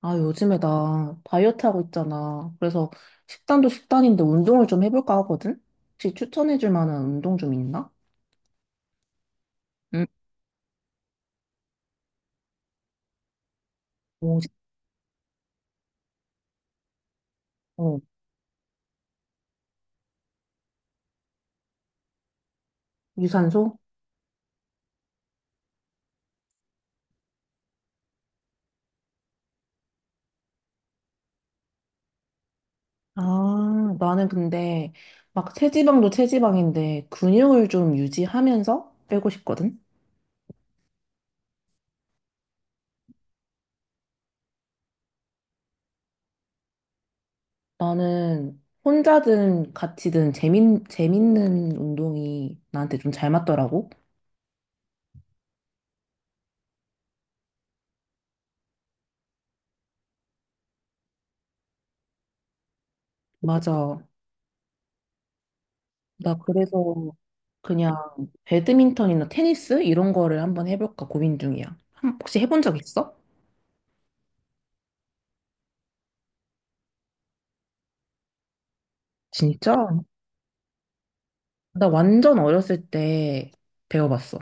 아, 요즘에 나 다이어트 하고 있잖아. 그래서 식단도 식단인데 운동을 좀 해볼까 하거든? 혹시 추천해줄 만한 운동 좀 있나? 응. 오. 어, 유산소? 아, 나는 근데 막 체지방도 체지방인데 근육을 좀 유지하면서 빼고 싶거든? 나는 혼자든 같이든 재밌는 운동이 나한테 좀 잘 맞더라고. 맞아. 나 그래서 그냥 배드민턴이나 테니스 이런 거를 한번 해볼까 고민 중이야. 혹시 해본 적 있어? 진짜? 나 완전 어렸을 때 배워봤어.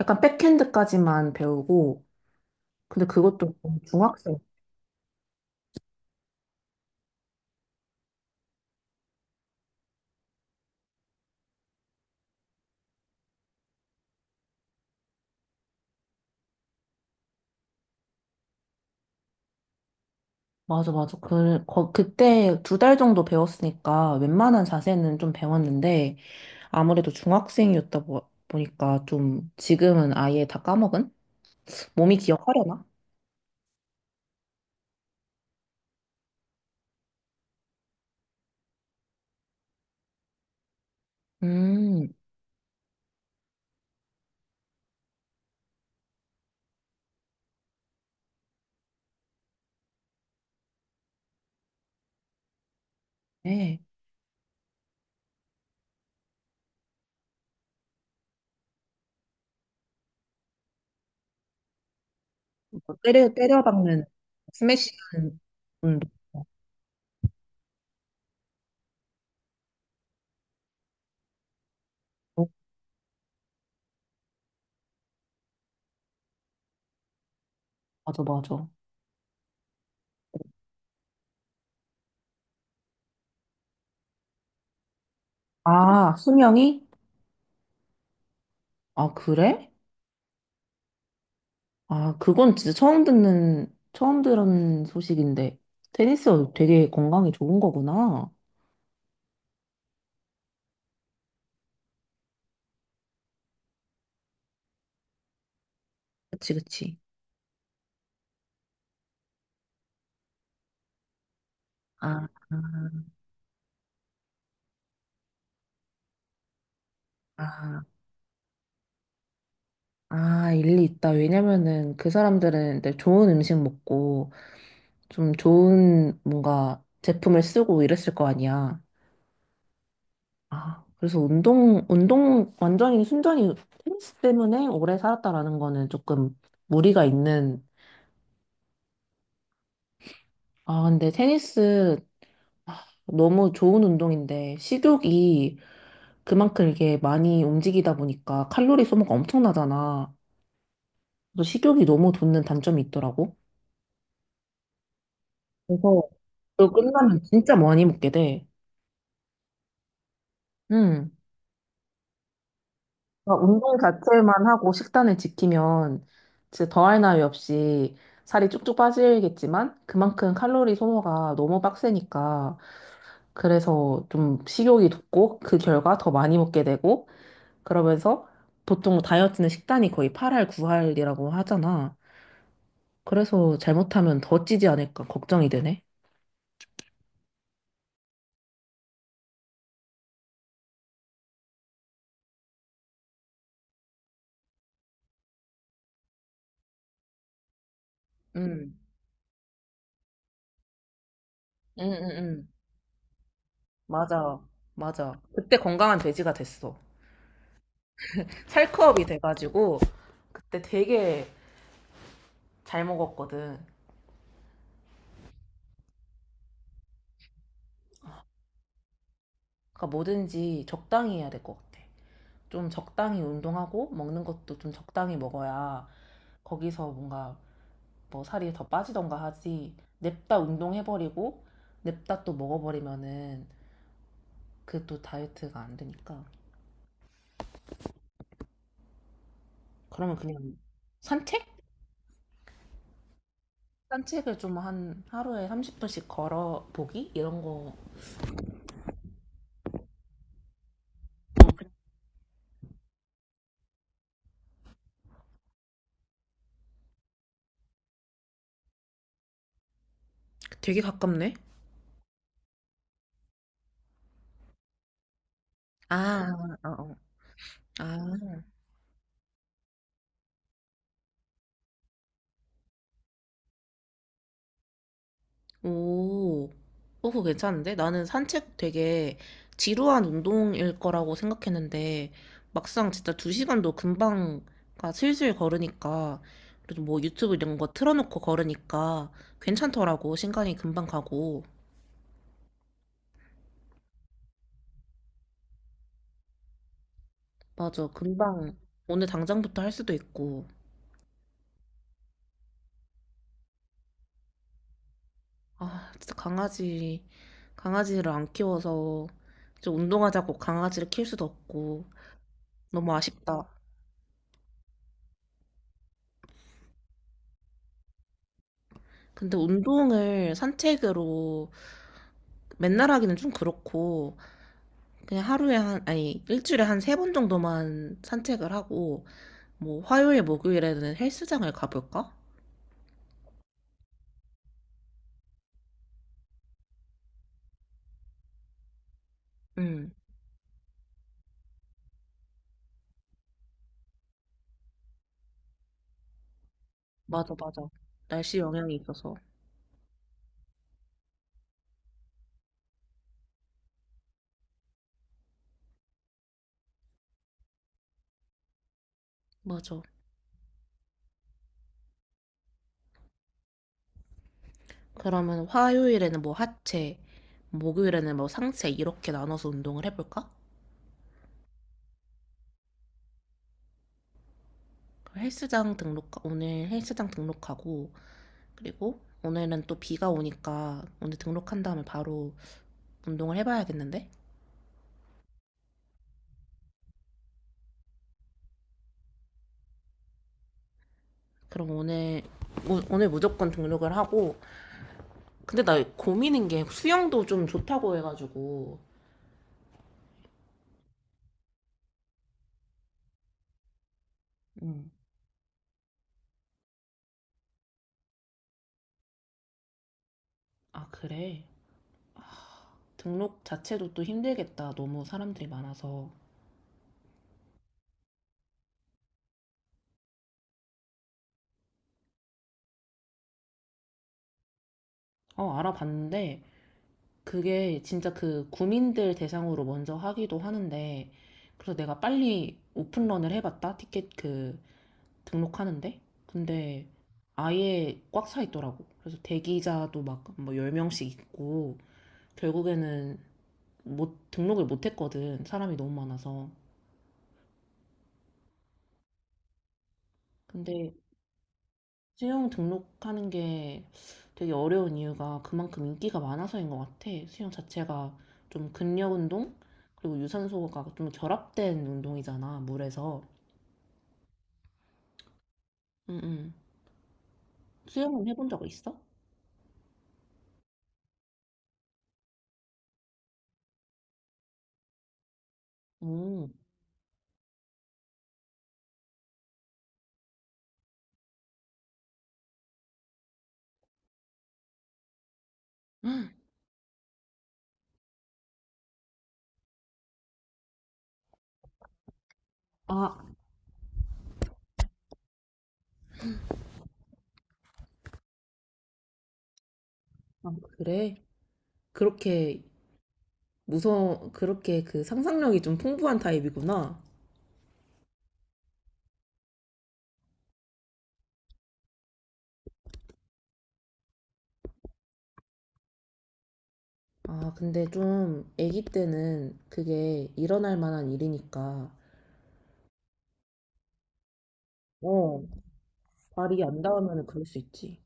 약간 백핸드까지만 배우고, 근데 그것도 중학생. 맞아, 맞아. 그때 두 달 정도 배웠으니까 웬만한 자세는 좀 배웠는데, 아무래도 중학생이었다 보니까 좀 지금은 아예 다 까먹은? 몸이 기억하려나? 음. 네. 때려박는 스매싱은 음, 어, 맞아, 맞아. 아, 수명이? 아, 그래? 아, 그건 진짜 처음 들은 소식인데. 테니스가 되게 건강에 좋은 거구나. 그치, 그치. 아, 아, 아, 일리 있다. 왜냐면은 그 사람들은 이제 좋은 음식 먹고 좀 좋은 뭔가 제품을 쓰고 이랬을 거 아니야. 아, 그래서 완전히 순전히 테니스 때문에 오래 살았다라는 거는 조금 무리가 있는. 아, 근데 테니스 너무 좋은 운동인데, 식욕이 그만큼 이게 많이 움직이다 보니까 칼로리 소모가 엄청나잖아. 그래서 식욕이 너무 돋는 단점이 있더라고. 그래서 그거 끝나면 진짜 많이 먹게 돼. 응. 그러니까 운동 자체만 하고 식단을 지키면 진짜 더할 나위 없이 살이 쭉쭉 빠지겠지만 그만큼 칼로리 소모가 너무 빡세니까 그래서 좀 식욕이 돋고 그 결과 더 많이 먹게 되고 그러면서 보통 다이어트는 식단이 거의 8할 9할이라고 하잖아. 그래서 잘못하면 더 찌지 않을까 걱정이 되네. 응, 응, 응, 응. 맞아, 맞아. 그때 건강한 돼지가 됐어. 살크업이 돼가지고 그때 되게 잘 먹었거든. 그러니까 뭐든지 적당히 해야 될 것 같아. 좀 적당히 운동하고 먹는 것도 좀 적당히 먹어야 거기서 뭔가 뭐 살이 더 빠지던가 하지. 냅다 운동해버리고 냅다 또 먹어버리면은 그 또 다이어트가 안 되니까. 그러면 그냥 산책? 산책을 좀 한 하루에 30분씩 걸어보기? 이런 거 되게 가깝네. 아, 어, 어. 아, 오, 어, 그거 괜찮은데? 나는 산책 되게 지루한 운동일 거라고 생각했는데, 막상 진짜 두 시간도 금방, 가 슬슬 걸으니까, 그래도 뭐 유튜브 이런 거 틀어놓고 걸으니까 괜찮더라고. 시간이 금방 가고. 맞아, 금방. 오늘 당장부터 할 수도 있고. 아, 진짜 강아지, 강아지를 안 키워서, 좀 운동하자고 강아지를 키울 수도 없고. 너무 아쉽다. 근데 운동을 산책으로 맨날 하기는 좀 그렇고 그냥 하루에 한 아니 일주일에 한 세 번 정도만 산책을 하고 뭐 화요일 목요일에는 헬스장을 가볼까? 응. 맞아 맞아 날씨 영향이 있어서 맞아 그러면 화요일에는 뭐 하체 목요일에는 뭐 상체 이렇게 나눠서 운동을 해볼까? 그럼 헬스장 등록 오늘 헬스장 등록하고 그리고 오늘은 또 비가 오니까 오늘 등록한 다음에 바로 운동을 해봐야겠는데? 그럼 오늘 오늘 무조건 등록을 하고 근데 나 고민인 게 수영도 좀 좋다고 해가지고 음. 아 그래 등록 자체도 또 힘들겠다 너무 사람들이 많아서 어 알아봤는데 그게 진짜 그 구민들 대상으로 먼저 하기도 하는데 그래서 내가 빨리 오픈런을 해봤다 티켓 그 등록하는데 근데 아예 꽉 차 있더라고 그래서 대기자도 막 뭐 10명씩 있고 결국에는 못, 등록을 못 했거든. 사람이 너무 많아서. 근데 수영 등록하는 게 되게 어려운 이유가 그만큼 인기가 많아서인 것 같아. 수영 자체가 좀 근력 운동? 그리고 유산소가 좀 결합된 운동이잖아, 물에서. 응, 응. 수영은 해본 적 있어? 오. 아, 아, 그래? 그렇게 무서워, 그렇게 그 상상력이 좀 풍부한 타입이구나. 아, 근데 좀 아기 때는 그게 일어날 만한 일이니까. 어, 말이 안 닿으면 그럴 수 있지.